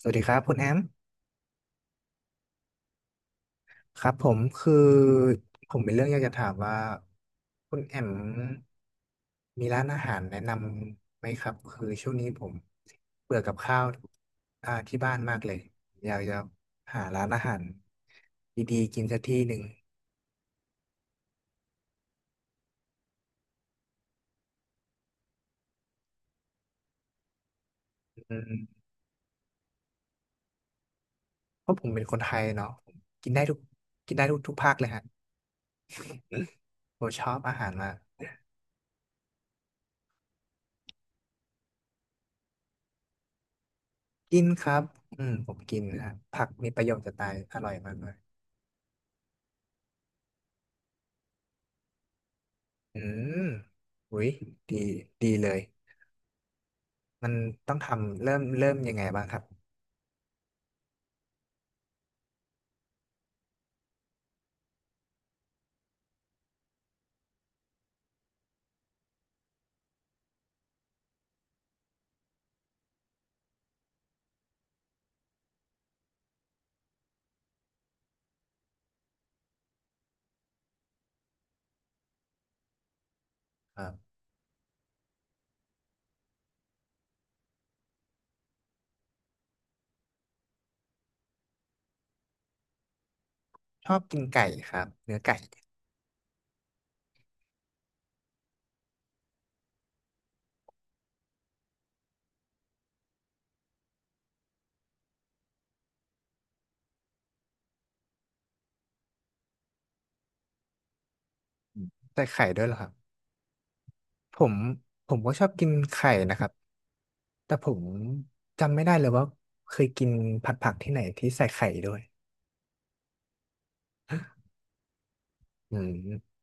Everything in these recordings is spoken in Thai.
สวัสดีครับคุณแอมครับผมคือผมมีเรื่องอยากจะถามว่าคุณแอมมีร้านอาหารแนะนำไหมครับคือช่วงนี้ผมเบื่อกับข้าวที่บ้านมากเลยอยากจะหาร้านอาหารดีๆกินสักที่หนึ่งอืมเพราะผมเป็นคนไทยเนาะผมกินได้ทุกกินได้ทุกภาคเลยฮะผมชอบอาหารมากกินครับอืมผมกินนะฮะผักมีประโยชน์จะตายอร่อยมากเลยอืมอุ้ยดีเลย มันต้องทำเริ่มยังไงบ้างครับครับชอบกินไก่ครับเนื้อไก่ใส่ไข่ด้วยเหรอครับผมผมก็ชอบกินไข่นะครับแต่ผมจำไม่ได้เลยว่าเคยกินผัดผักที่ไหนที่ใส่ไข่ด้วยอืม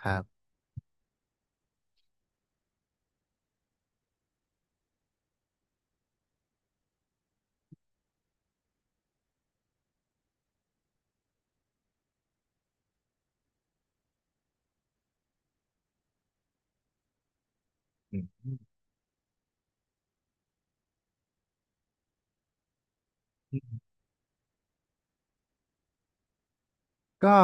ครับอืมก็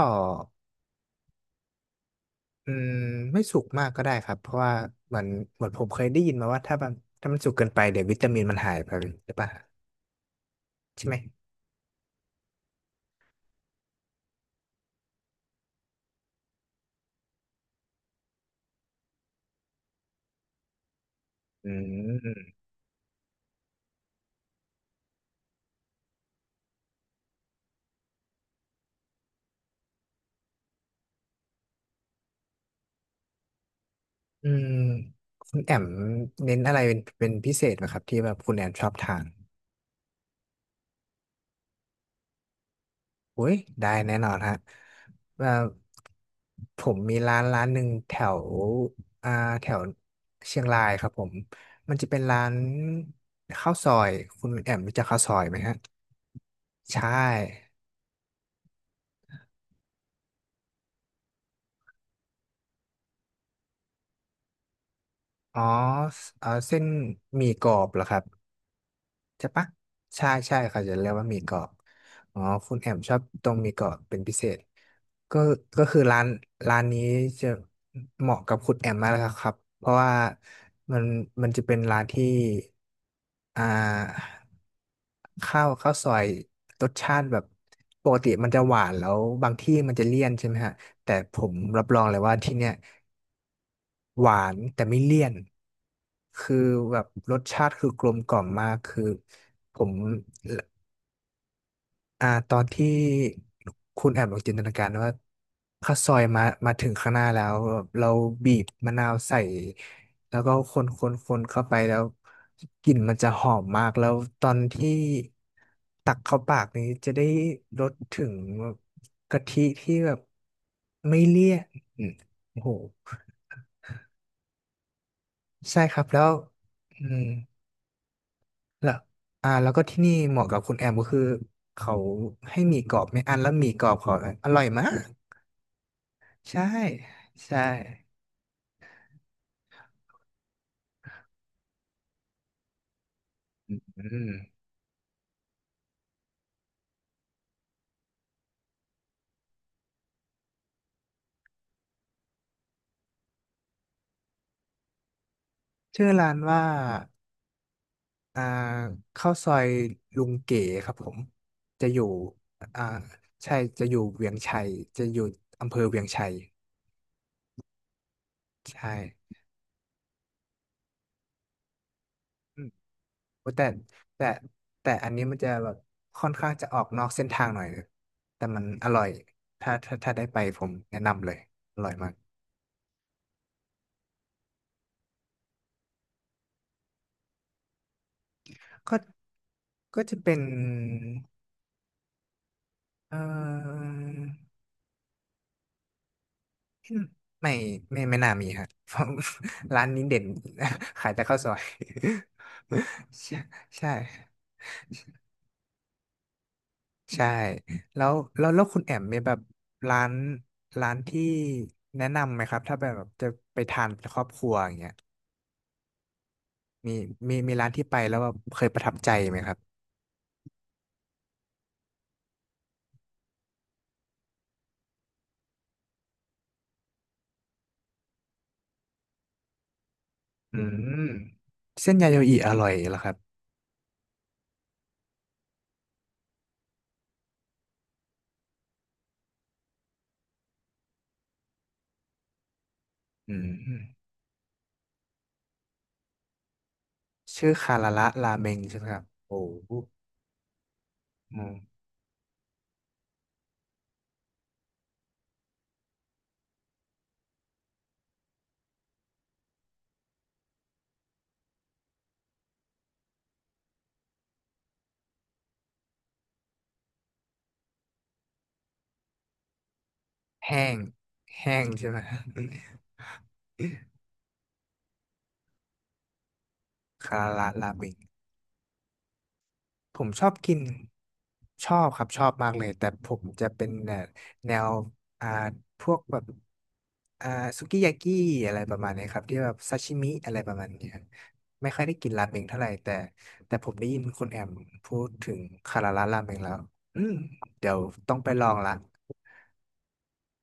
อืมไม่สุกมากก็ได้ครับเพราะว่าเหมือนผมเคยได้ยินมาว่าถ้ามันสุกเกินไปเดี๋ยววิตามินมันหายไปหรือเปล่าใช่ไหมอืม อืมคุณแอมเน้นอะไรเป็นพิเศษไหมครับที่แบบคุณแอมชอบทานอุ้ยได้แน่นอนฮะว่าผมมีร้านหนึ่งแถวอ่าแถวเชียงรายครับผมมันจะเป็นร้านข้าวซอยคุณแอมรู้จักข้าวซอยไหมฮะใช่ อ๋อเออเส้นหมี่กรอบเหรอครับ ใช่ปะใช่ใช่เขาจะเรียกว่าหมี่กรอบอ๋อคุณแอมชอบตรงหมี่กรอบเป็นพิเศษก็คือร้านนี้จะเหมาะกับคุณแอมมากเลยครับเพราะว่ามันจะเป็นร้านที่อ่าข้าวซอยรสชาติแบบปกติมันจะหวานแล้วบางที่มันจะเลี่ยนใช่ไหมฮะแต่ผมรับรองเลยว่าที่เนี้ย หวานแต่ไม่เลี่ยนคือแบบรสชาติคือกลมกล่อมมากคือผมตอนที่คุณแอบลองจินตนาการว่าข้าวซอยมาถึงข้างหน้าแล้วแบบเราบีบมะนาวใส่แล้วก็คนเข้าไปแล้วกลิ่นมันจะหอมมากแล้วตอนที่ตักเข้าปากนี้จะได้รสถึงกะทิที่แบบไม่เลี่ยนอืมโอ้โหใช่ครับแล้วอืม แล้วแล้วก็ที่นี่เหมาะกับคุณแอมก็คือเขาให้หมี่กรอบไม่อั้นแล้วหมี่กรอบเขาอร่อยมากใช่ใช่อืมชื่อร้านว่าอ่าข้าวซอยลุงเก๋ครับผมจะอยู่อ่าใช่จะอยู่เวียงชัยจะอยู่อำเภอเวียงชัยใช่อืมโอ้แต่แต่อันนี้มันจะแบบค่อนข้างจะออกนอกเส้นทางหน่อยแต่มันอร่อยถ้าได้ไปผมแนะนำเลยอร่อยมาก ก็ก็จะเป็นเอ่อไม่ไม่ไม่น่ามีฮะเพราะ ร้านนี้เด่น ขายแต่ข้าวซอย ใช่ใช่ใช่ แล้วแล้วคุณแอมมีแบบร้านที่แนะนำไหมครับ ถ้าแบบจะไปทานเป็ครอบครัวอย่างเงี้ยมีมีร้านที่ไปแล้วแบบเคยประทับใจไหมครับอืมเส้นยาโยอิอร่อยเหรอครับอืม ชื่อคาราระราเมงใช่ไหมครับโอ้โหอืมแห้งใช่ไหม คาราระราเมงผมชอบกินชอบครับชอบมากเลยแต่ผมจะเป็นแนวแนวอ่าพวกแบบอ่าสุกิยากิอะไรประมาณนี้ครับที่แบบซาชิมิอะไรประมาณนี้ครับไม่ค่อยได้กินราเมงเท่าไหร่แต่ผมได้ยินคุณแอมพูดถึงคาราระราเมงแล้วอืมเดี๋ยวต้องไปลองละ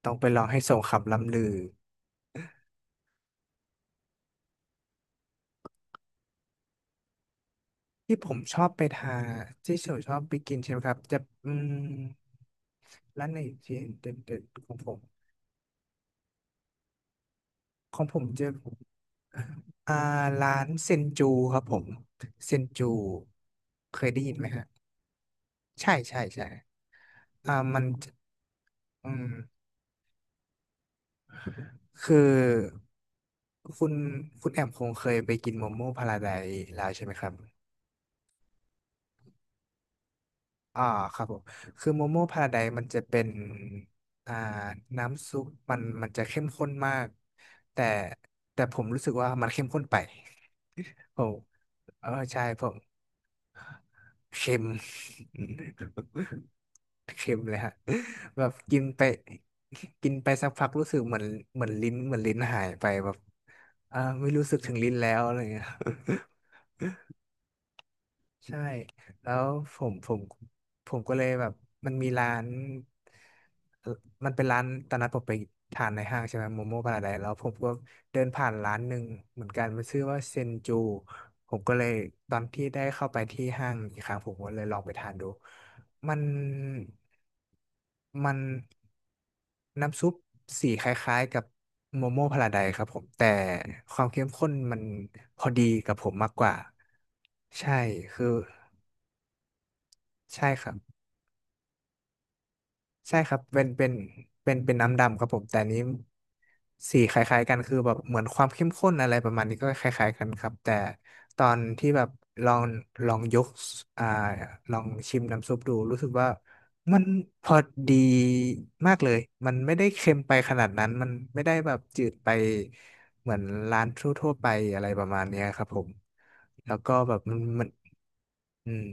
ต้องไปลองให้สมคำล่ำลือ ที่ผมชอบไปทานที่เฉยชอบไปกินใช่ไหมครับจะอืมร้านไหนที่เด่นๆของผมของผมจะอ่าร้านเซนจูครับผมเซนจูเคยได้ยินไหมฮะใช่ใช่ใช่มันจะอืมคือคุณแอมคงเคยไปกินโมโม่พาราไดซ์แล้วใช่ไหมครับ อ่าครับผมคือโมโม่พาราไดมันจะเป็นอ่าน้ำซุปมันจะเข้มข้นมากแต่ผมรู้สึกว่ามันเข้มข้นไปผมเออใช่ผมเค็ม เค็มเลยฮะแบบกินไปสักพักรู้สึกเหมือนเหมือนลิ้นหายไปแบบไม่รู้สึกถึงลิ้นแล้วอะไรเงี้ย ใช่แล้วผมผมก็เลยแบบมันมีร้านเอ่อมันเป็นร้านตอนนั้นผมไปทานในห้างใช่ไหมโมโม่พาราไดแล้วผมก็เดินผ่านร้านหนึ่งเหมือนกันมันชื่อว่าเซนจูผมก็เลยตอนที่ได้เข้าไปที่ห้างอีกครั้งผมก็เลยลองไปทานดูมันมันน้ำซุปสีคล้ายๆกับโมโม่พาราไดครับผมแต่ความเข้มข้นมันพอดีกับผมมากกว่าใช่คือใช่ครับ ใช่ครับเป็นน้ำดำครับผม แต่อันนี้สีคล้ายๆกันคือแบบเหมือนความเข้มข้นอะไรประมาณนี้ก็คล้ายๆกันครับแต่ตอนที่แบบลองลองยกอ่าลองชิมน้ำซุปดูรู้สึกว่ามันพอดีมากเลยมันไม่ได้เค็มไปขนาดนั้นมันไม่ได้แบบจืดไปเหมือนร้านทั่วๆไปอะไรประมาณเนี้ยครับผมแล้วก็แบบมันอืม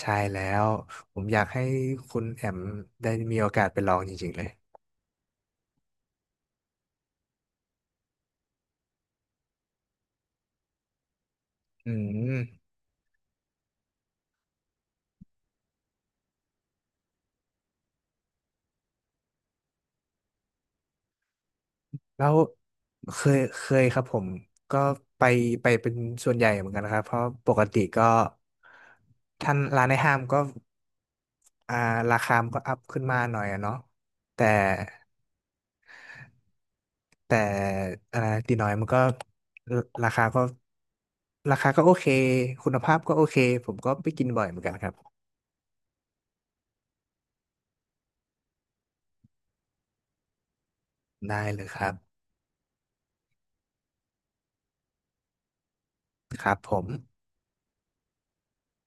ใช่แล้วผมอยากให้คุณแอมได้มีโอกาสไปลองจริงๆเลยอืมแล้วเคยครับผมก็ไปเป็นส่วนใหญ่เหมือนกันนะครับเพราะปกติก็ท่านร้านในห้างก็อ่าราคามันก็อัพขึ้นมาหน่อยอะเนาะแต่แต่อ่าตีน้อยมันก็ราคาก็ราคาก็โอเคคุณภาพก็โอเคผมก็ไปกินบ่อยเหมือนกันครับได้เลยครับครับผม